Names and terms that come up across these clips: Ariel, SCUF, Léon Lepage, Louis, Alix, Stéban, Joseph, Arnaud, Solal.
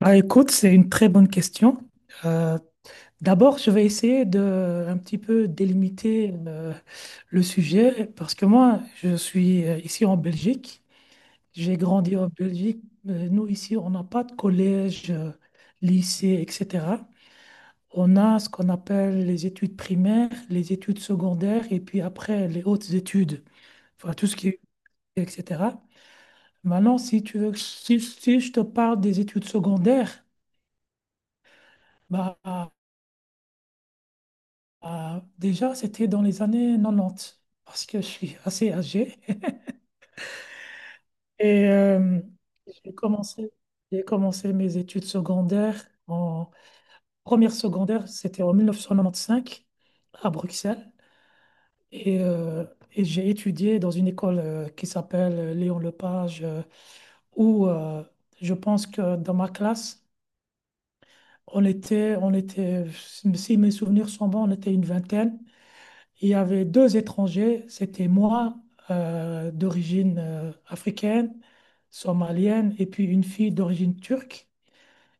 Ah, écoute, c'est une très bonne question. Euh, D'abord, je vais essayer de un petit peu délimiter le sujet parce que moi, je suis ici en Belgique. J'ai grandi en Belgique. Nous, ici, on n'a pas de collège, lycée, etc. On a ce qu'on appelle les études primaires, les études secondaires et puis après les hautes études, enfin tout ce qui est, etc. Maintenant, si tu veux, si je te parle des études secondaires, bah, déjà, c'était dans les années 90, parce que je suis assez âgé. Et euh, j'ai commencé, j'ai commencé mes études secondaires. En première secondaire, c'était en 1995 à Bruxelles. Et, euh, et j'ai étudié dans une école qui s'appelle Léon Lepage, où je pense que dans ma classe, on était, on était, si mes souvenirs sont bons, on était une vingtaine. Il y avait deux étrangers, c'était moi, d'origine africaine, somalienne, et puis une fille d'origine turque.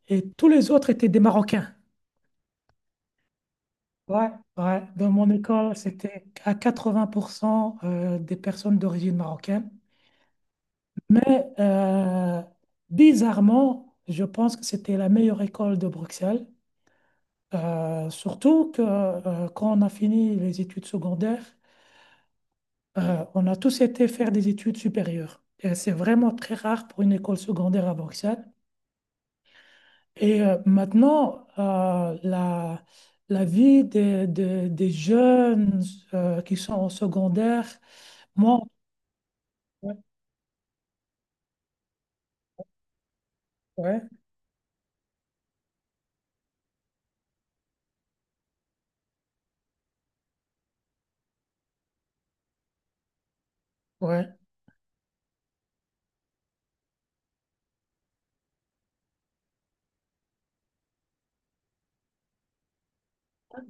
Et tous les autres étaient des Marocains. Ouais, ouais. Dans mon école, c'était à 80% des personnes d'origine marocaine. Mais bizarrement, je pense que c'était la meilleure école de Bruxelles. Surtout que quand on a fini les études secondaires, on a tous été faire des études supérieures. Et c'est vraiment très rare pour une école secondaire à Bruxelles. Maintenant, la vie des, des jeunes qui sont au secondaire, moi, ouais, ouais, ouais,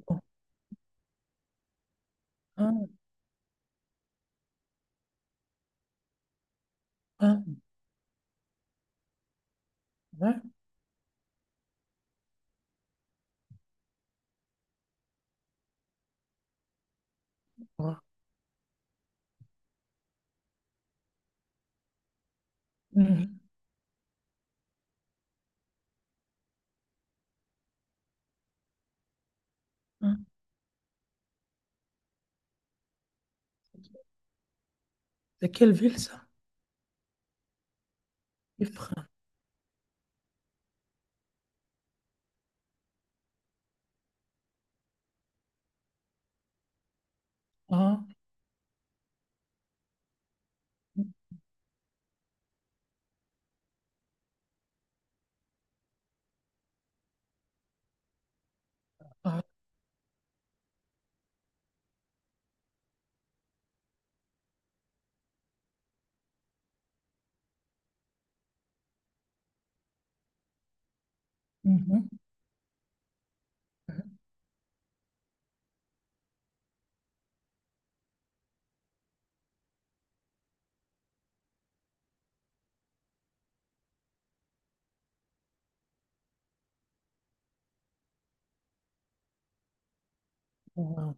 bon, hein, hein, ouais, ouais, mhm, hein. C'est quelle ville ça? Ypres, hein, ah, mhm, ouais. Ouais.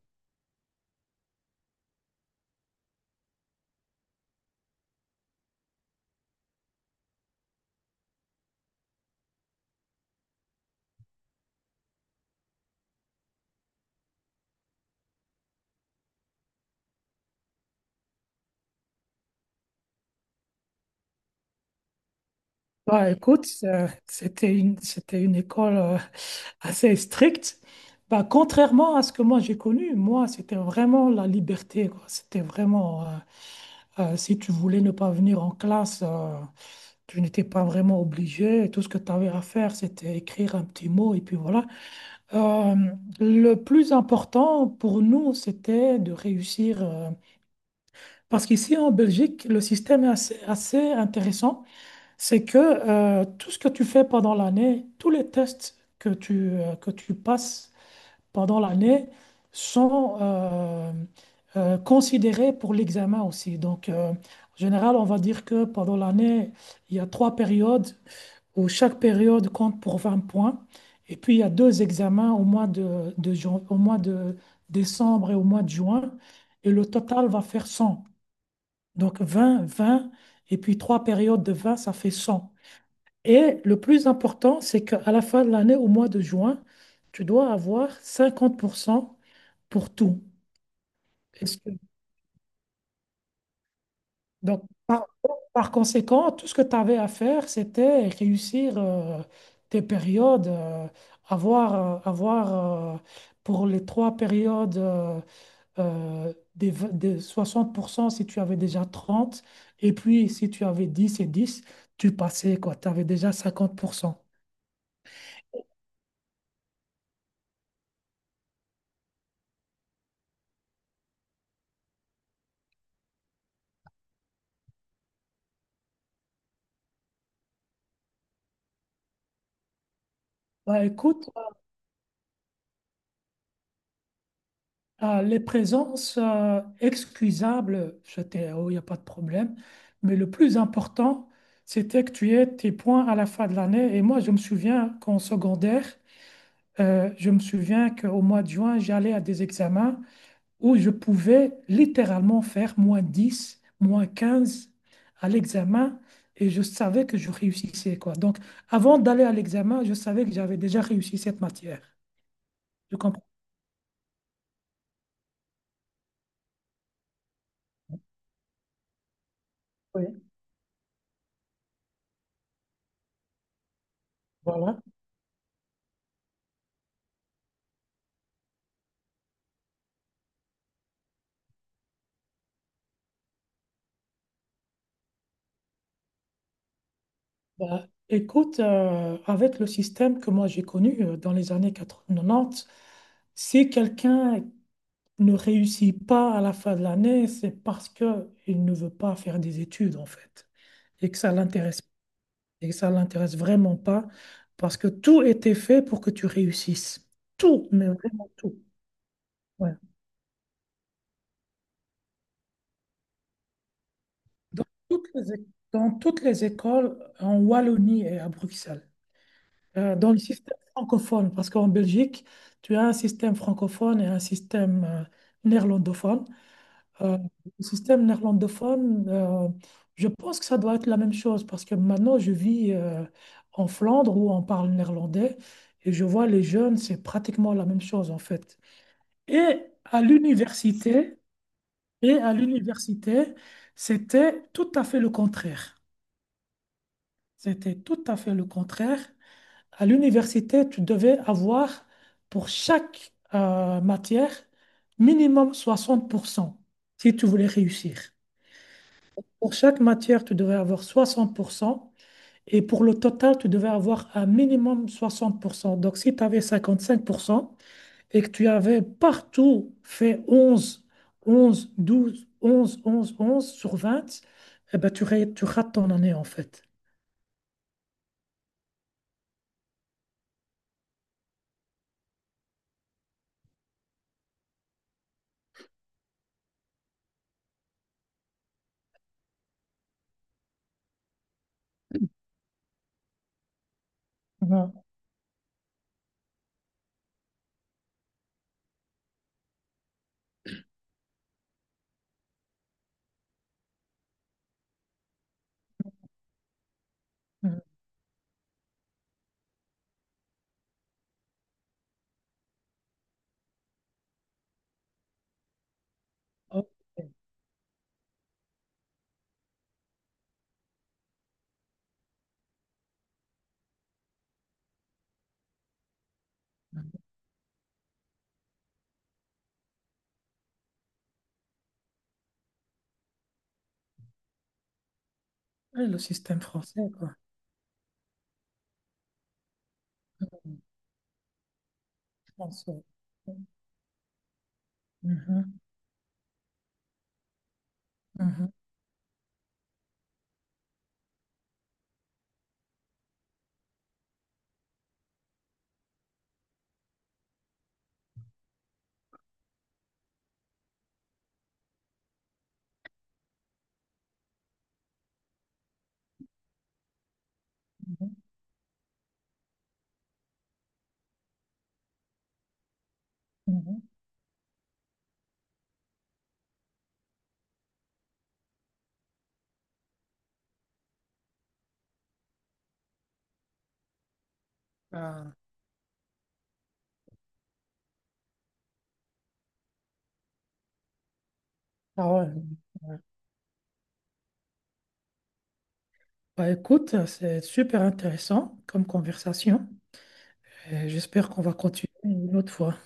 Bah, écoute, c'était une école assez stricte. Bah, contrairement à ce que moi j'ai connu, moi, c'était vraiment la liberté, quoi. Si tu voulais ne pas venir en classe, tu n'étais pas vraiment obligé. Tout ce que tu avais à faire, c'était écrire un petit mot et puis voilà. Euh, le plus important pour nous, c'était de réussir, parce qu'ici en Belgique, le système est assez assez intéressant. C'est que tout ce que tu fais pendant l'année, tous les tests que tu passes pendant l'année sont considérés pour l'examen aussi. Donc, en général, on va dire que pendant l'année, il y a trois périodes où chaque période compte pour 20 points. Et puis, il y a deux examens au mois de décembre et au mois de juin. Et le total va faire 100. Donc, 20, 20 et puis trois périodes de 20, ça fait 100. Et le plus important, c'est qu'à la fin de l'année, au mois de juin, tu dois avoir 50% pour cent pour tout. Est-ce que- donc, par conséquent, tout ce que tu avais à faire, c'était réussir tes périodes, avoir pour les trois périodes des 60% si tu avais déjà 30, et puis si tu avais 10 et 10, tu passais quoi, tu avais déjà 50%. Bah, écoute, ah, les présences excusables, c'était, oh, il n'y a pas de problème. Mais le plus important, c'était que tu aies tes points à la fin de l'année. Et moi, je me souviens qu'en secondaire, je me souviens qu'au mois de juin, j'allais à des examens où je pouvais littéralement faire moins 10 moins 15 à l'examen. Et je savais que je réussissais, quoi. Donc, avant d'aller à l'examen, je savais que j'avais déjà réussi cette matière. Je comprends. Oui. Voilà. Ben, écoute, avec le système que moi j'ai connu dans les années quatre-vingt-dix, si quelqu'un ne réussit pas à la fin de l'année, c'est parce que il ne veut pas faire des études en fait, et que ça l'intéresse, et que ça l'intéresse vraiment pas, parce que tout était fait pour que tu réussisses, tout, mais vraiment tout. Ouais. Dans toutes les, é- Dans toutes les écoles en Wallonie et à Bruxelles. Dans le système francophone, parce qu'en Belgique, tu as un système francophone et un système néerlandophone. Euh, le système néerlandophone, je pense que ça doit être la même chose, parce que maintenant, je vis en Flandre où on parle néerlandais, et je vois les jeunes, c'est pratiquement la même chose en fait. Et à l'université, et à l'université, c'était tout à fait le contraire. C'était tout à fait le contraire. À l'université, tu devais avoir pour chaque matière minimum 60% si tu voulais réussir. Pour chaque matière, tu devais avoir 60% et pour le total, tu devais avoir un minimum 60%. Donc, si tu avais 55% et que tu avais partout fait 11, 11, 12, 11, 11, 11 sur 20, eh ben, tu rates ton année en fait. Mhm. Mhm. Oh, ouais, le système français, quoi. Bien sûr. Mhm, mhm, mhm, mhm. Ah, ah ouais. Ouais. Bah, écoute, c'est super intéressant comme conversation. Et j'espère qu'on va continuer une autre fois.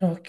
Ok.